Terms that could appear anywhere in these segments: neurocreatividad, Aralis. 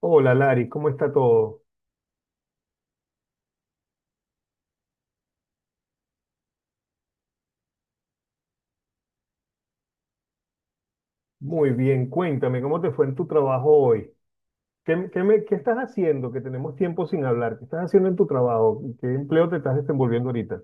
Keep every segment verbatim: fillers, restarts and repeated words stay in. Hola Lari, ¿cómo está todo? Muy bien, cuéntame, ¿cómo te fue en tu trabajo hoy? ¿Qué, qué me- qué estás haciendo? Que tenemos tiempo sin hablar. ¿Qué estás haciendo en tu trabajo? ¿Qué empleo te estás desenvolviendo ahorita?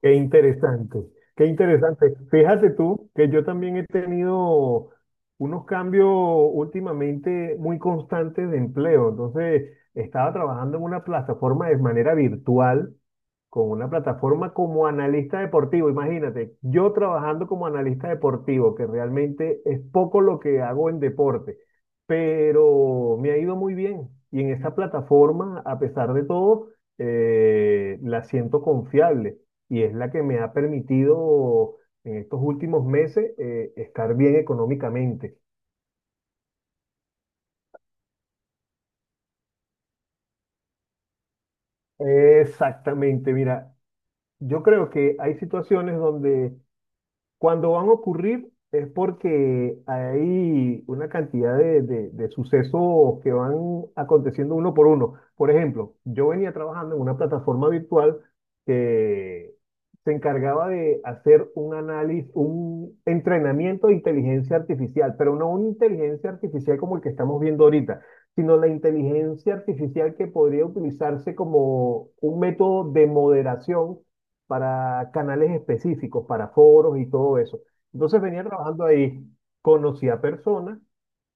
Qué interesante, qué interesante. Fíjate tú que yo también he tenido unos cambios últimamente muy constantes de empleo. Entonces, estaba trabajando en una plataforma de manera virtual con una plataforma como analista deportivo. Imagínate, yo trabajando como analista deportivo, que realmente es poco lo que hago en deporte, pero me ha ido muy bien. Y en esa plataforma, a pesar de todo, eh, la siento confiable y es la que me ha permitido en estos últimos meses eh, estar bien económicamente. Exactamente, mira, yo creo que hay situaciones donde cuando van a ocurrir es porque hay una cantidad de, de- de sucesos que van aconteciendo uno por uno. Por ejemplo, yo venía trabajando en una plataforma virtual que se encargaba de hacer un análisis, un entrenamiento de inteligencia artificial, pero no una inteligencia artificial como el que estamos viendo ahorita, sino la inteligencia artificial que podría utilizarse como un método de moderación para canales específicos, para foros y todo eso. Entonces venía trabajando ahí, conocí a personas,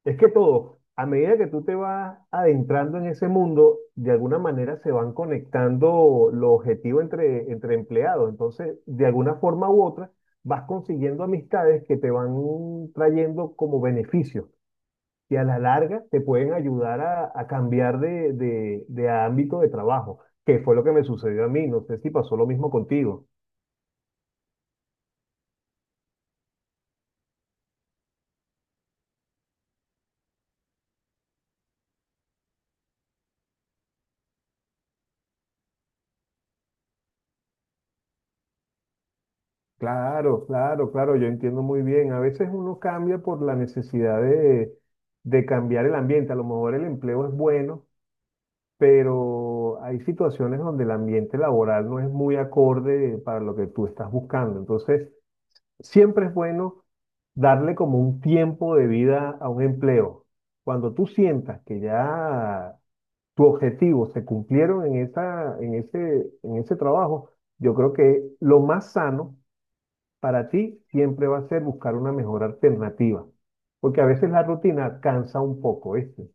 es que todo, a medida que tú te vas adentrando en ese mundo, de alguna manera se van conectando los objetivos entre, entre empleados. Entonces, de alguna forma u otra, vas consiguiendo amistades que te van trayendo como beneficios que a la larga te pueden ayudar a, a cambiar de, de de ámbito de trabajo, que fue lo que me sucedió a mí. No sé si pasó lo mismo contigo. Claro, claro, claro, yo entiendo muy bien. A veces uno cambia por la necesidad de, de cambiar el ambiente. A lo mejor el empleo es bueno, pero hay situaciones donde el ambiente laboral no es muy acorde para lo que tú estás buscando. Entonces, siempre es bueno darle como un tiempo de vida a un empleo. Cuando tú sientas que ya tu objetivo se cumplieron en esa, en ese, en ese trabajo, yo creo que lo más sano para ti siempre va a ser buscar una mejor alternativa, porque a veces la rutina cansa un poco, ¿viste?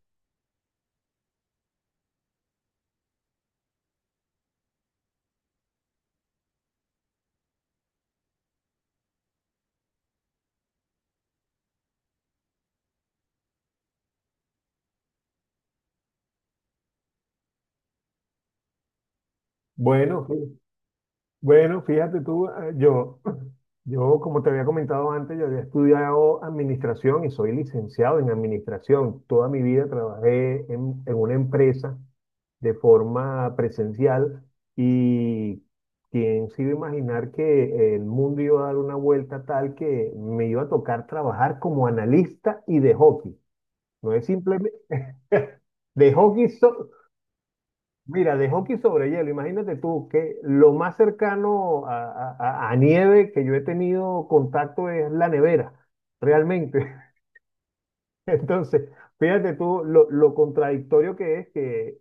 Bueno, fí- bueno, fíjate tú, eh, yo, yo como te había comentado antes, yo había estudiado administración y soy licenciado en administración. Toda mi vida trabajé en, en una empresa de forma presencial y quién se iba a imaginar que el mundo iba a dar una vuelta tal que me iba a tocar trabajar como analista y de hockey. No es simplemente de hockey, so- mira, de hockey sobre hielo. Imagínate tú que lo más cercano a, a- a- a nieve que yo he tenido contacto es la nevera, realmente. Entonces, fíjate tú lo, lo contradictorio que es que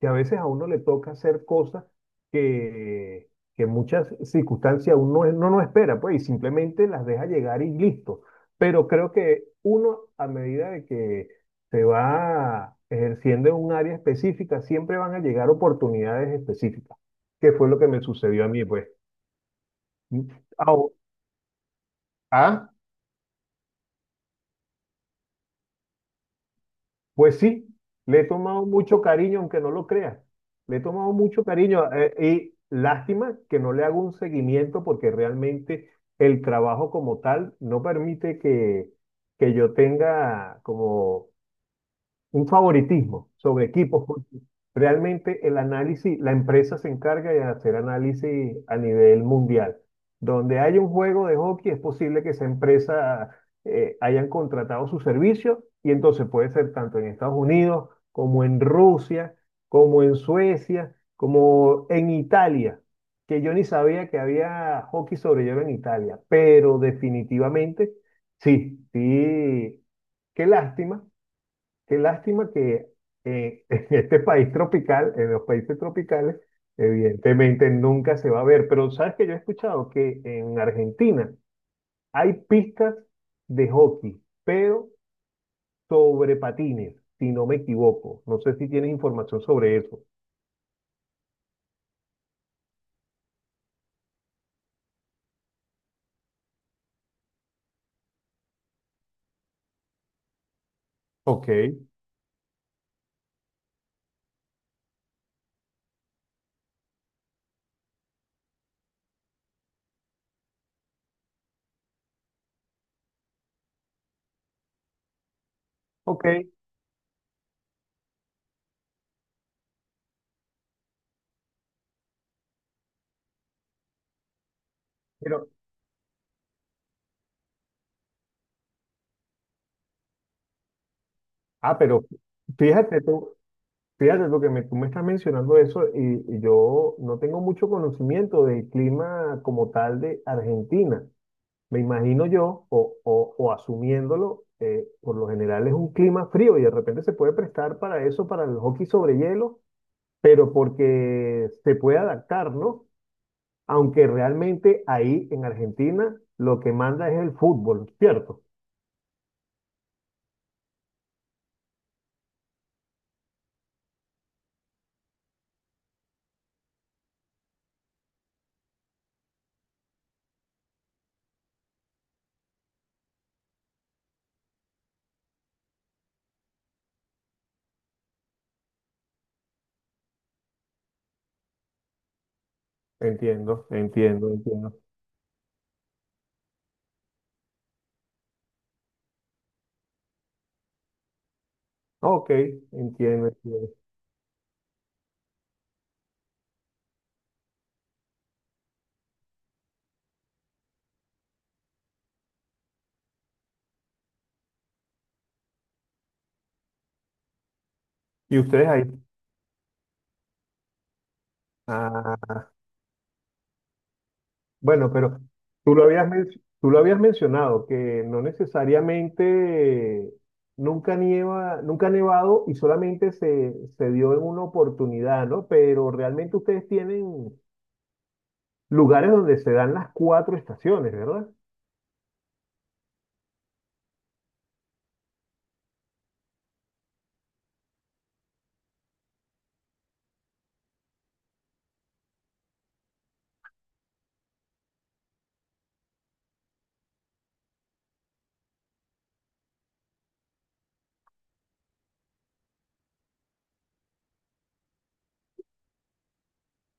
que a veces a uno le toca hacer cosas que, que en muchas circunstancias uno no, no espera, pues, y simplemente las deja llegar y listo. Pero creo que uno, a medida de que se va ejerciendo en un área específica, siempre van a llegar oportunidades específicas, que fue lo que me sucedió a mí, pues. Au- ¿Ah? Pues sí, le he tomado mucho cariño, aunque no lo creas. Le he tomado mucho cariño eh, y lástima que no le hago un seguimiento porque realmente el trabajo como tal no permite que, que yo tenga como un favoritismo sobre equipos. Porque realmente el análisis, la empresa se encarga de hacer análisis a nivel mundial. Donde hay un juego de hockey, es posible que esa empresa eh, hayan contratado su servicio y entonces puede ser tanto en Estados Unidos como en Rusia, como en Suecia, como en Italia, que yo ni sabía que había hockey sobre hielo en Italia, pero definitivamente sí, sí, qué lástima. Qué lástima que eh, en este país tropical, en los países tropicales, evidentemente nunca se va a ver. Pero sabes que yo he escuchado que en Argentina hay pistas de hockey, pero sobre patines, si no me equivoco. No sé si tienes información sobre eso. Ok, ok. Pero, ah, pero fíjate tú, fíjate tú que me, tú me estás mencionando eso y, y yo no tengo mucho conocimiento del clima como tal de Argentina. Me imagino yo, o, o- o asumiéndolo, eh, por lo general es un clima frío y de repente se puede prestar para eso, para el hockey sobre hielo, pero porque se puede adaptar, ¿no? Aunque realmente ahí en Argentina lo que manda es el fútbol, ¿cierto? Entiendo, entiendo, entiendo. Ok, entiendo, entiendo. ¿Y ustedes ahí? Bueno, pero tú lo habías, men- tú lo habías mencionado, que no necesariamente nunca nieva, nunca ha nevado y solamente se, se dio en una oportunidad, ¿no? Pero realmente ustedes tienen lugares donde se dan las cuatro estaciones, ¿verdad?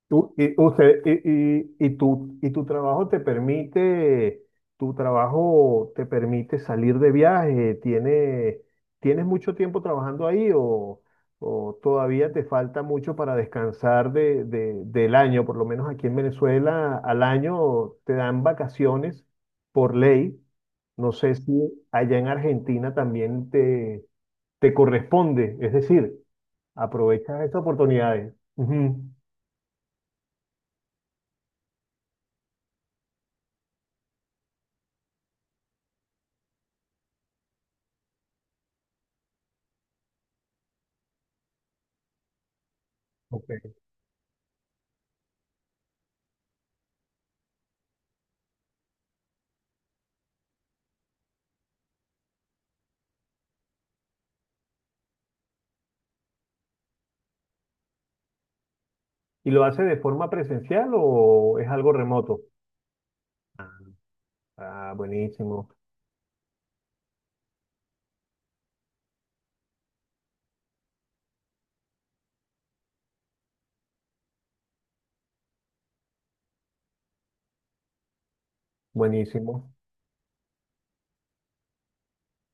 Tú- y, usted, y, y, y tu, y tu trabajo te permite, tu trabajo te permite salir de viaje, ¿tiene, tienes mucho tiempo trabajando ahí o, o todavía te falta mucho para descansar de, de- del año? Por lo menos aquí en Venezuela al año te dan vacaciones por ley. No sé si allá en Argentina también te, te corresponde, es decir, aprovechas estas oportunidades. Ujú. Ok. ¿Y lo hace de forma presencial o es algo remoto? Ah, buenísimo, buenísimo.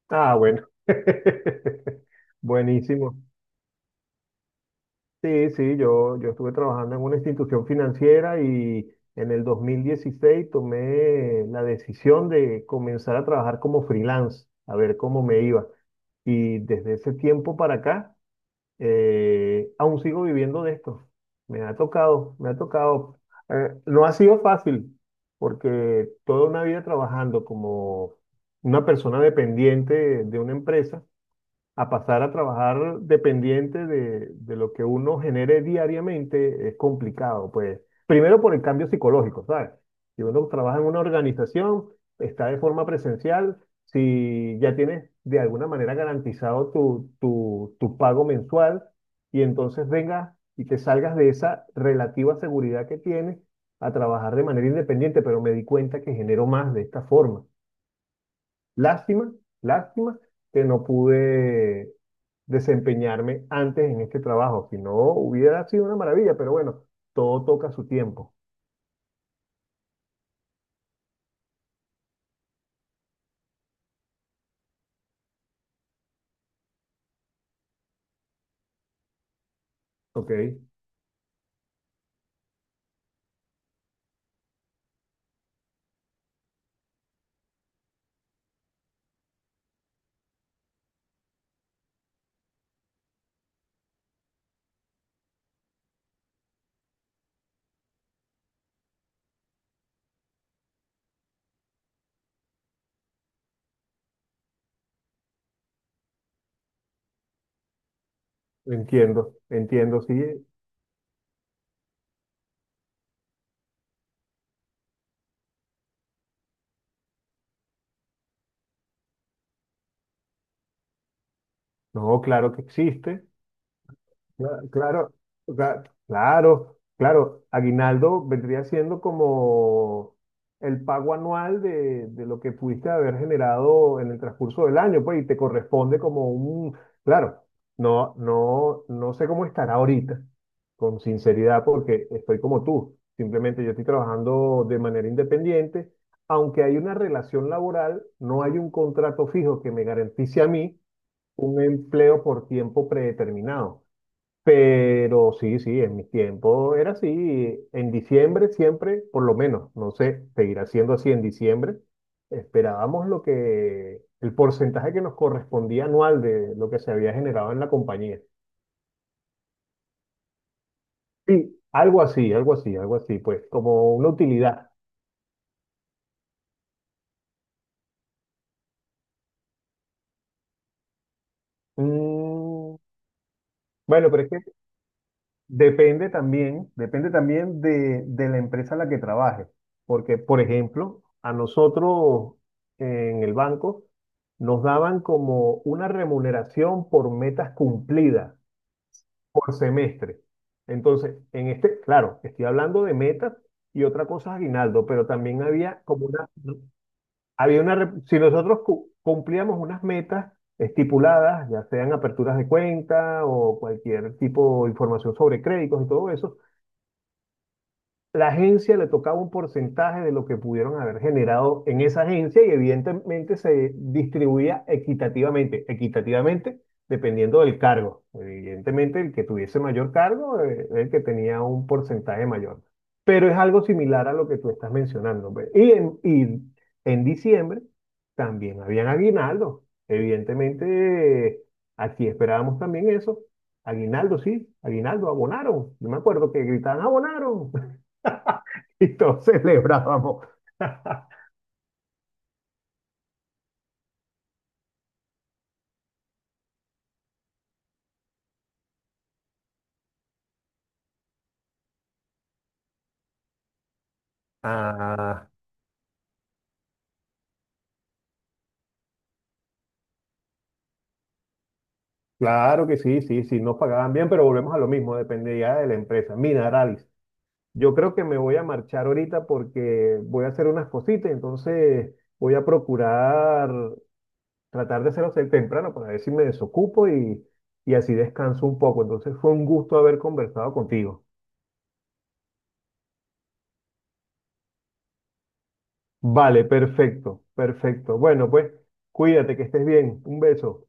Ah, bueno. Buenísimo. Sí, sí, yo, yo estuve trabajando en una institución financiera y en el dos mil dieciséis tomé la decisión de comenzar a trabajar como freelance, a ver cómo me iba. Y desde ese tiempo para acá eh, aún sigo viviendo de esto. Me ha tocado, me ha tocado. Eh, no ha sido fácil, porque toda una vida trabajando como una persona dependiente de una empresa, a pasar a trabajar dependiente de, de lo que uno genere diariamente es complicado, pues. Primero por el cambio psicológico, ¿sabes? Si uno trabaja en una organización, está de forma presencial, si ya tienes de alguna manera garantizado tu, tu, tu pago mensual, y entonces vengas y te salgas de esa relativa seguridad que tienes a trabajar de manera independiente, pero me di cuenta que genero más de esta forma. Lástima, lástima que no pude desempeñarme antes en este trabajo, si no hubiera sido una maravilla, pero bueno, todo toca su tiempo, ¿ok? Entiendo, entiendo, sí, no, claro que existe. Cla- Claro, cla- claro, claro. Aguinaldo vendría siendo como el pago anual de, de lo que pudiste haber generado en el transcurso del año, pues, y te corresponde como un, claro, no, no, no sé cómo estará ahorita, con sinceridad, porque estoy como tú. Simplemente yo estoy trabajando de manera independiente. Aunque hay una relación laboral, no hay un contrato fijo que me garantice a mí un empleo por tiempo predeterminado. Pero sí, sí, en mis tiempos era así. En diciembre siempre, por lo menos, no sé, seguirá siendo así en diciembre, esperábamos lo que, el porcentaje que nos correspondía anual de lo que se había generado en la compañía. Sí. Algo así, algo así, algo así, pues como una utilidad. Mm, bueno, pero es que depende también, depende también de, de la empresa a la que trabajes, porque, por ejemplo, a nosotros eh, en el banco nos daban como una remuneración por metas cumplidas, por semestre. Entonces, en este, claro, estoy hablando de metas y otra cosa es aguinaldo, pero también había como una, había una, re- si nosotros cu- cumplíamos unas metas estipuladas, ya sean aperturas de cuenta o cualquier tipo de información sobre créditos y todo eso, la agencia le tocaba un porcentaje de lo que pudieron haber generado en esa agencia y evidentemente se distribuía equitativamente, equitativamente dependiendo del cargo. Evidentemente el que tuviese mayor cargo eh, el que tenía un porcentaje mayor. Pero es algo similar a lo que tú estás mencionando. Pues. Y en, y en diciembre también habían aguinaldos. Evidentemente eh, aquí esperábamos también eso. Aguinaldo, sí, aguinaldo, abonaron. Yo me acuerdo que gritaban, abonaron, y todos celebrábamos. Ah, claro que sí, sí, sí, nos pagaban bien, pero volvemos a lo mismo, dependía de la empresa. Mira, Aralis, yo creo que me voy a marchar ahorita porque voy a hacer unas cositas, entonces voy a procurar tratar de hacerlo ser temprano para ver si me desocupo y, y así descanso un poco. Entonces fue un gusto haber conversado contigo. Vale, perfecto, perfecto. Bueno, pues cuídate, que estés bien. Un beso.